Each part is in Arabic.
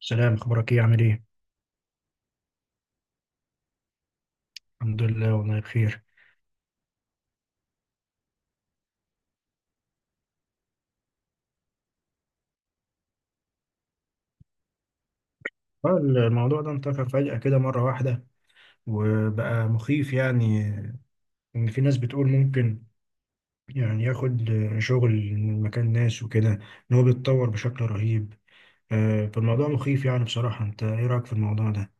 سلام، اخبارك ايه؟ عامل ايه؟ الحمد لله، والله بخير. الموضوع ده انتشر فجأة كده مرة واحدة، وبقى مخيف يعني، ان في ناس بتقول ممكن يعني ياخد شغل من مكان ناس وكده، ان هو بيتطور بشكل رهيب. فالموضوع مخيف يعني بصراحة. انت ايه رأيك في الموضوع ده؟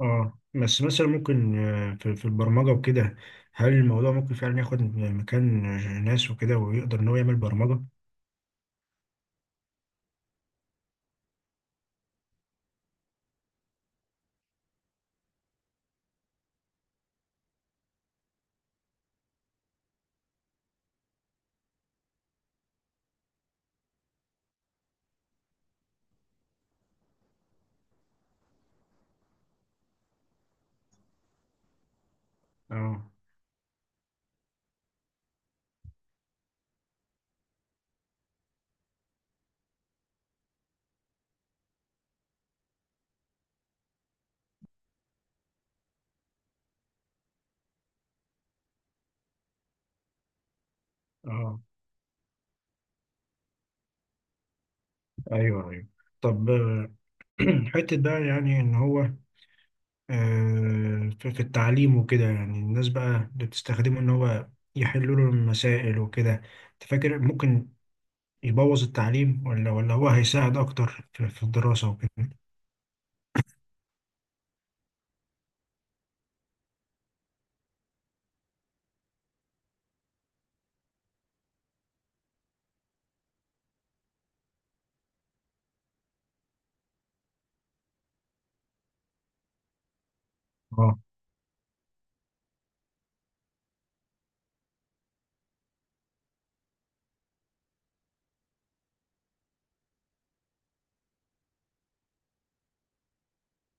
اه، بس مثلا ممكن في البرمجة وكده، هل الموضوع ممكن فعلا ياخد مكان ناس وكده ويقدر ان هو يعمل برمجة؟ اه، اه، ايوه، ايوه. طب حتة بقى يعني إن هو في التعليم وكده، يعني الناس بقى اللي بتستخدمه إن هو يحلوا له المسائل وكده، أنت فاكر ممكن يبوظ التعليم ولا هو هيساعد أكتر في الدراسة وكده؟ اه،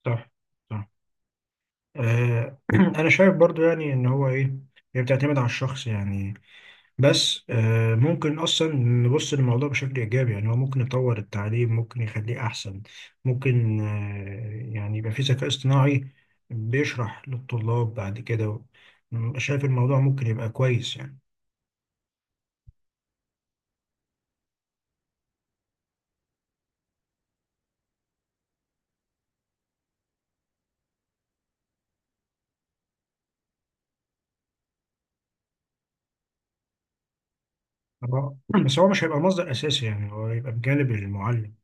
صح، صح. آه، أنا شايف برضو يعني إن هو إيه، هي بتعتمد على الشخص يعني. بس ممكن اصلا نبص للموضوع بشكل ايجابي، يعني هو ممكن يطور التعليم، ممكن يخليه احسن، ممكن يعني يبقى في ذكاء اصطناعي بيشرح للطلاب بعد كده. شايف الموضوع ممكن يبقى كويس يعني. هو- بس هو مش هيبقى مصدر اساسي، يعني هو هيبقى بجانب المعلم.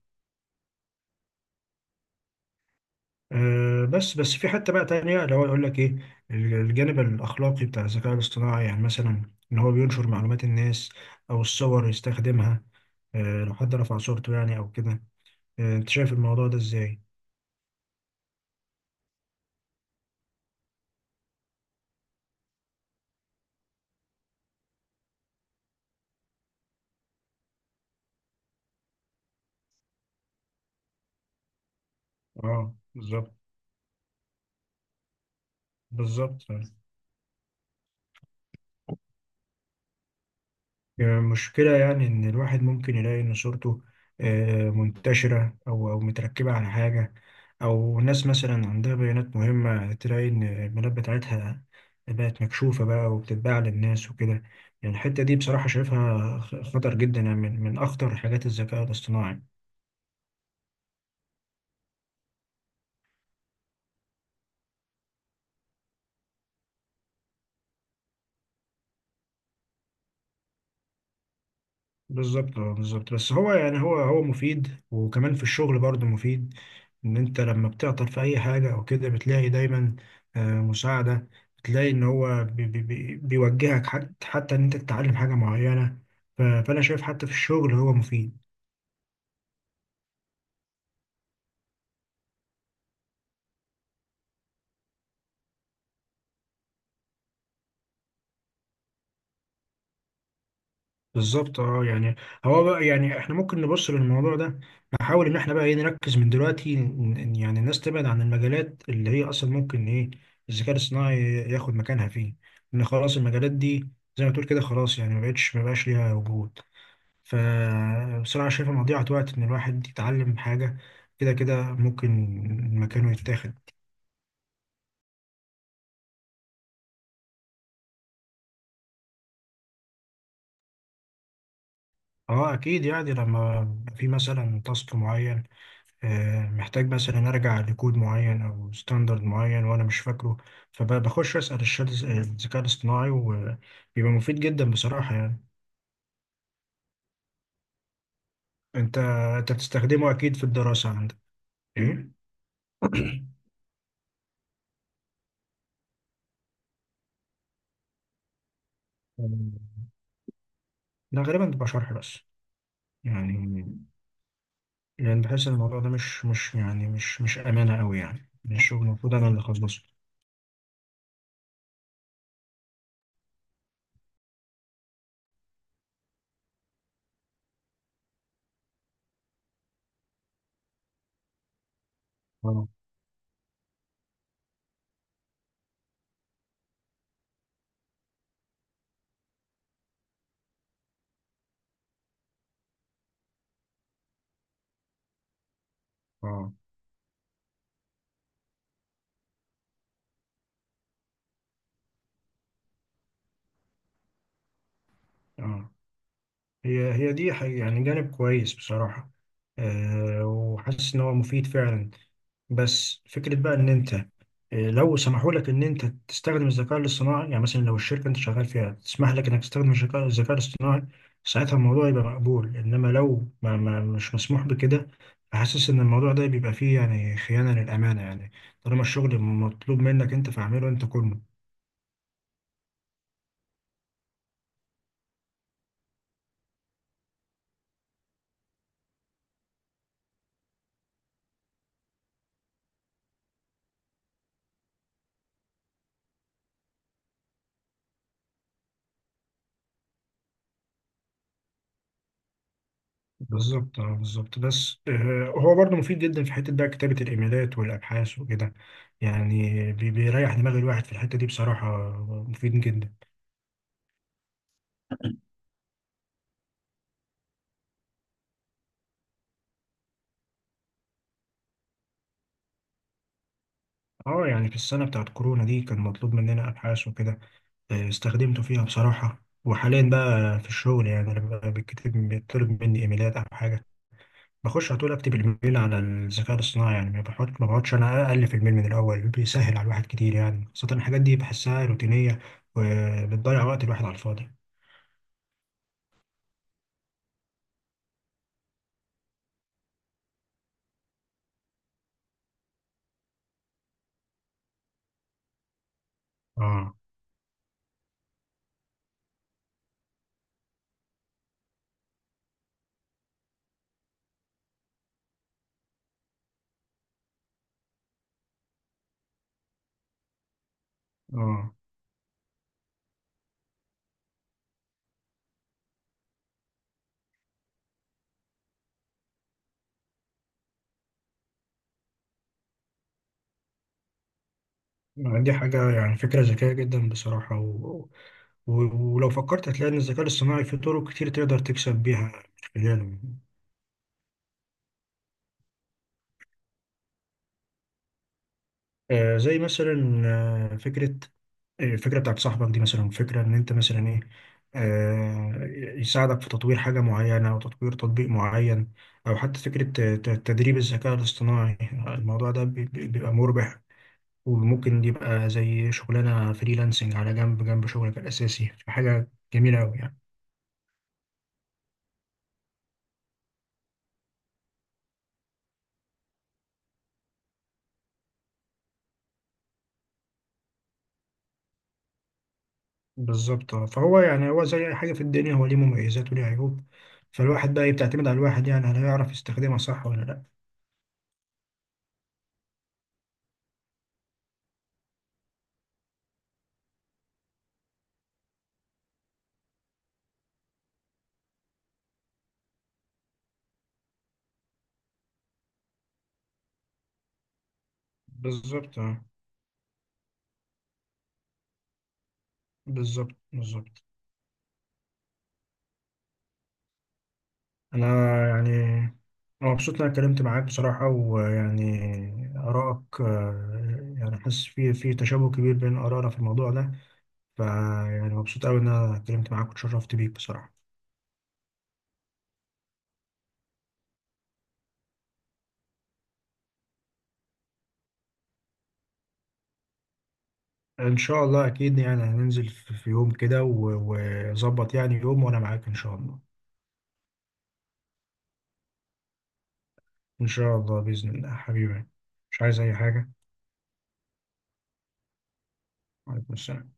بس في حتة بقى تانية اللي هو يقول لك ايه، الجانب الاخلاقي بتاع الذكاء الاصطناعي، يعني مثلا ان هو بينشر معلومات الناس او الصور يستخدمها. لو حد رفع صورته يعني او كده، انت شايف الموضوع ده ازاي؟ اه، بالظبط، بالظبط يعني. المشكله يعني ان الواحد ممكن يلاقي ان صورته منتشره او متركبه على حاجه، او ناس مثلا عندها بيانات مهمه تلاقي ان البيانات بتاعتها بقت مكشوفه بقى وبتتباع للناس وكده. يعني الحته دي بصراحه شايفها خطر جدا، يعني من اخطر حاجات الذكاء الاصطناعي. بالظبط، اه، بالظبط. بس هو يعني هو مفيد، وكمان في الشغل برضه مفيد، ان انت لما بتعطل في اي حاجه او كده بتلاقي دايما مساعده، بتلاقي ان هو بي بي بي بيوجهك، حتى ان انت تتعلم حاجه معينه. فانا شايف حتى في الشغل هو مفيد. بالظبط، اه، يعني هو بقى يعني احنا ممكن نبص للموضوع ده، نحاول ان احنا بقى ايه، نركز من دلوقتي إن يعني الناس تبعد عن المجالات اللي هي اصلا ممكن ايه الذكاء الصناعي ياخد مكانها فيه، ان خلاص المجالات دي زي ما تقول كده خلاص يعني ما بقاش ليها وجود، فبصراحة شايفها مضيعة وقت ان الواحد يتعلم حاجة كده كده ممكن مكانه يتاخد. اه، اكيد يعني، لما في مثلا تاسك معين محتاج مثلا ارجع لكود معين او ستاندرد معين وانا مش فاكره، فبخش اسال الشات، الذكاء الاصطناعي، وبيبقى مفيد جدا بصراحه يعني. انت انت بتستخدمه اكيد في الدراسه عندك، ايه؟ ده غالبا بيبقى شرح بس، يعني، بحس ان الموضوع ده مش يعني مش امانه قوي، يعني من الشغل المفروض انا اللي اخلصه. اه، اه، اه. هي دي حقيقة يعني، جانب كويس بصراحه. وحاسس ان هو مفيد فعلا. بس فكرة بقى إن أنت لو سمحوا لك إن أنت تستخدم الذكاء الاصطناعي، يعني مثلا لو الشركة أنت شغال فيها تسمح لك إنك تستخدم الذكاء الاصطناعي، ساعتها الموضوع يبقى مقبول. إنما لو ما ما مش مسموح بكده، حاسس إن الموضوع ده بيبقى فيه يعني خيانة للأمانة، يعني طالما الشغل مطلوب منك أنت فاعمله أنت كله. بالظبط، اه، بالظبط. بس هو برضه مفيد جدا في حتة بقى كتابة الإيميلات والأبحاث وكده، يعني بيريح دماغ الواحد في الحتة دي بصراحة. مفيد جدا. اه، يعني في السنة بتاعت كورونا دي كان مطلوب مننا أبحاث وكده، استخدمته فيها بصراحة. وحاليا بقى في الشغل يعني لما بيتكتب بيطلب مني إيميلات أو حاجة، بخش على طول أكتب الإيميل على الذكاء الاصطناعي، يعني ما بقعدش أنا ألف الإيميل من الأول. بيسهل على الواحد كتير يعني، خاصة الحاجات دي بحسها روتينية، وبتضيع وقت الواحد على الفاضي. اه، اه. دي حاجة يعني فكرة ذكية جدا بصراحة. و... ولو فكرت هتلاقي إن الذكاء الاصطناعي فيه طرق كتير تقدر تكسب بيها من خلاله. زي مثلا، آه، فكرة آه، الفكرة بتاعت صاحبك دي، مثلا فكرة إن أنت مثلا إيه، آه، يساعدك في تطوير حاجة معينة أو تطوير تطبيق معين، أو حتى فكرة تدريب الذكاء الاصطناعي. الموضوع ده بيبقى مربح، وممكن يبقى زي شغلانة فريلانسنج على جنب جنب شغلك الأساسي، فحاجة جميلة أوي يعني. بالظبط. فهو يعني هو زي أي حاجة في الدنيا، هو ليه مميزات وليه عيوب، فالواحد بقى بتعتمد على الواحد يعني، هل هيعرف يستخدمها صح ولا لأ؟ بالظبط، بالظبط، بالظبط. انا يعني انا مبسوط ان انا اتكلمت معاك بصراحه، ويعني ارائك يعني حاسس في تشابه كبير بين ارائنا في الموضوع ده، فيعني مبسوط قوي ان انا اتكلمت معاك واتشرفت بيك بصراحه. ان شاء الله اكيد يعني، هننزل في يوم كده، وظبط يعني يوم وانا معاك ان شاء الله. ان شاء الله باذن الله حبيبي، مش عايز اي حاجه. وعليكم السلام.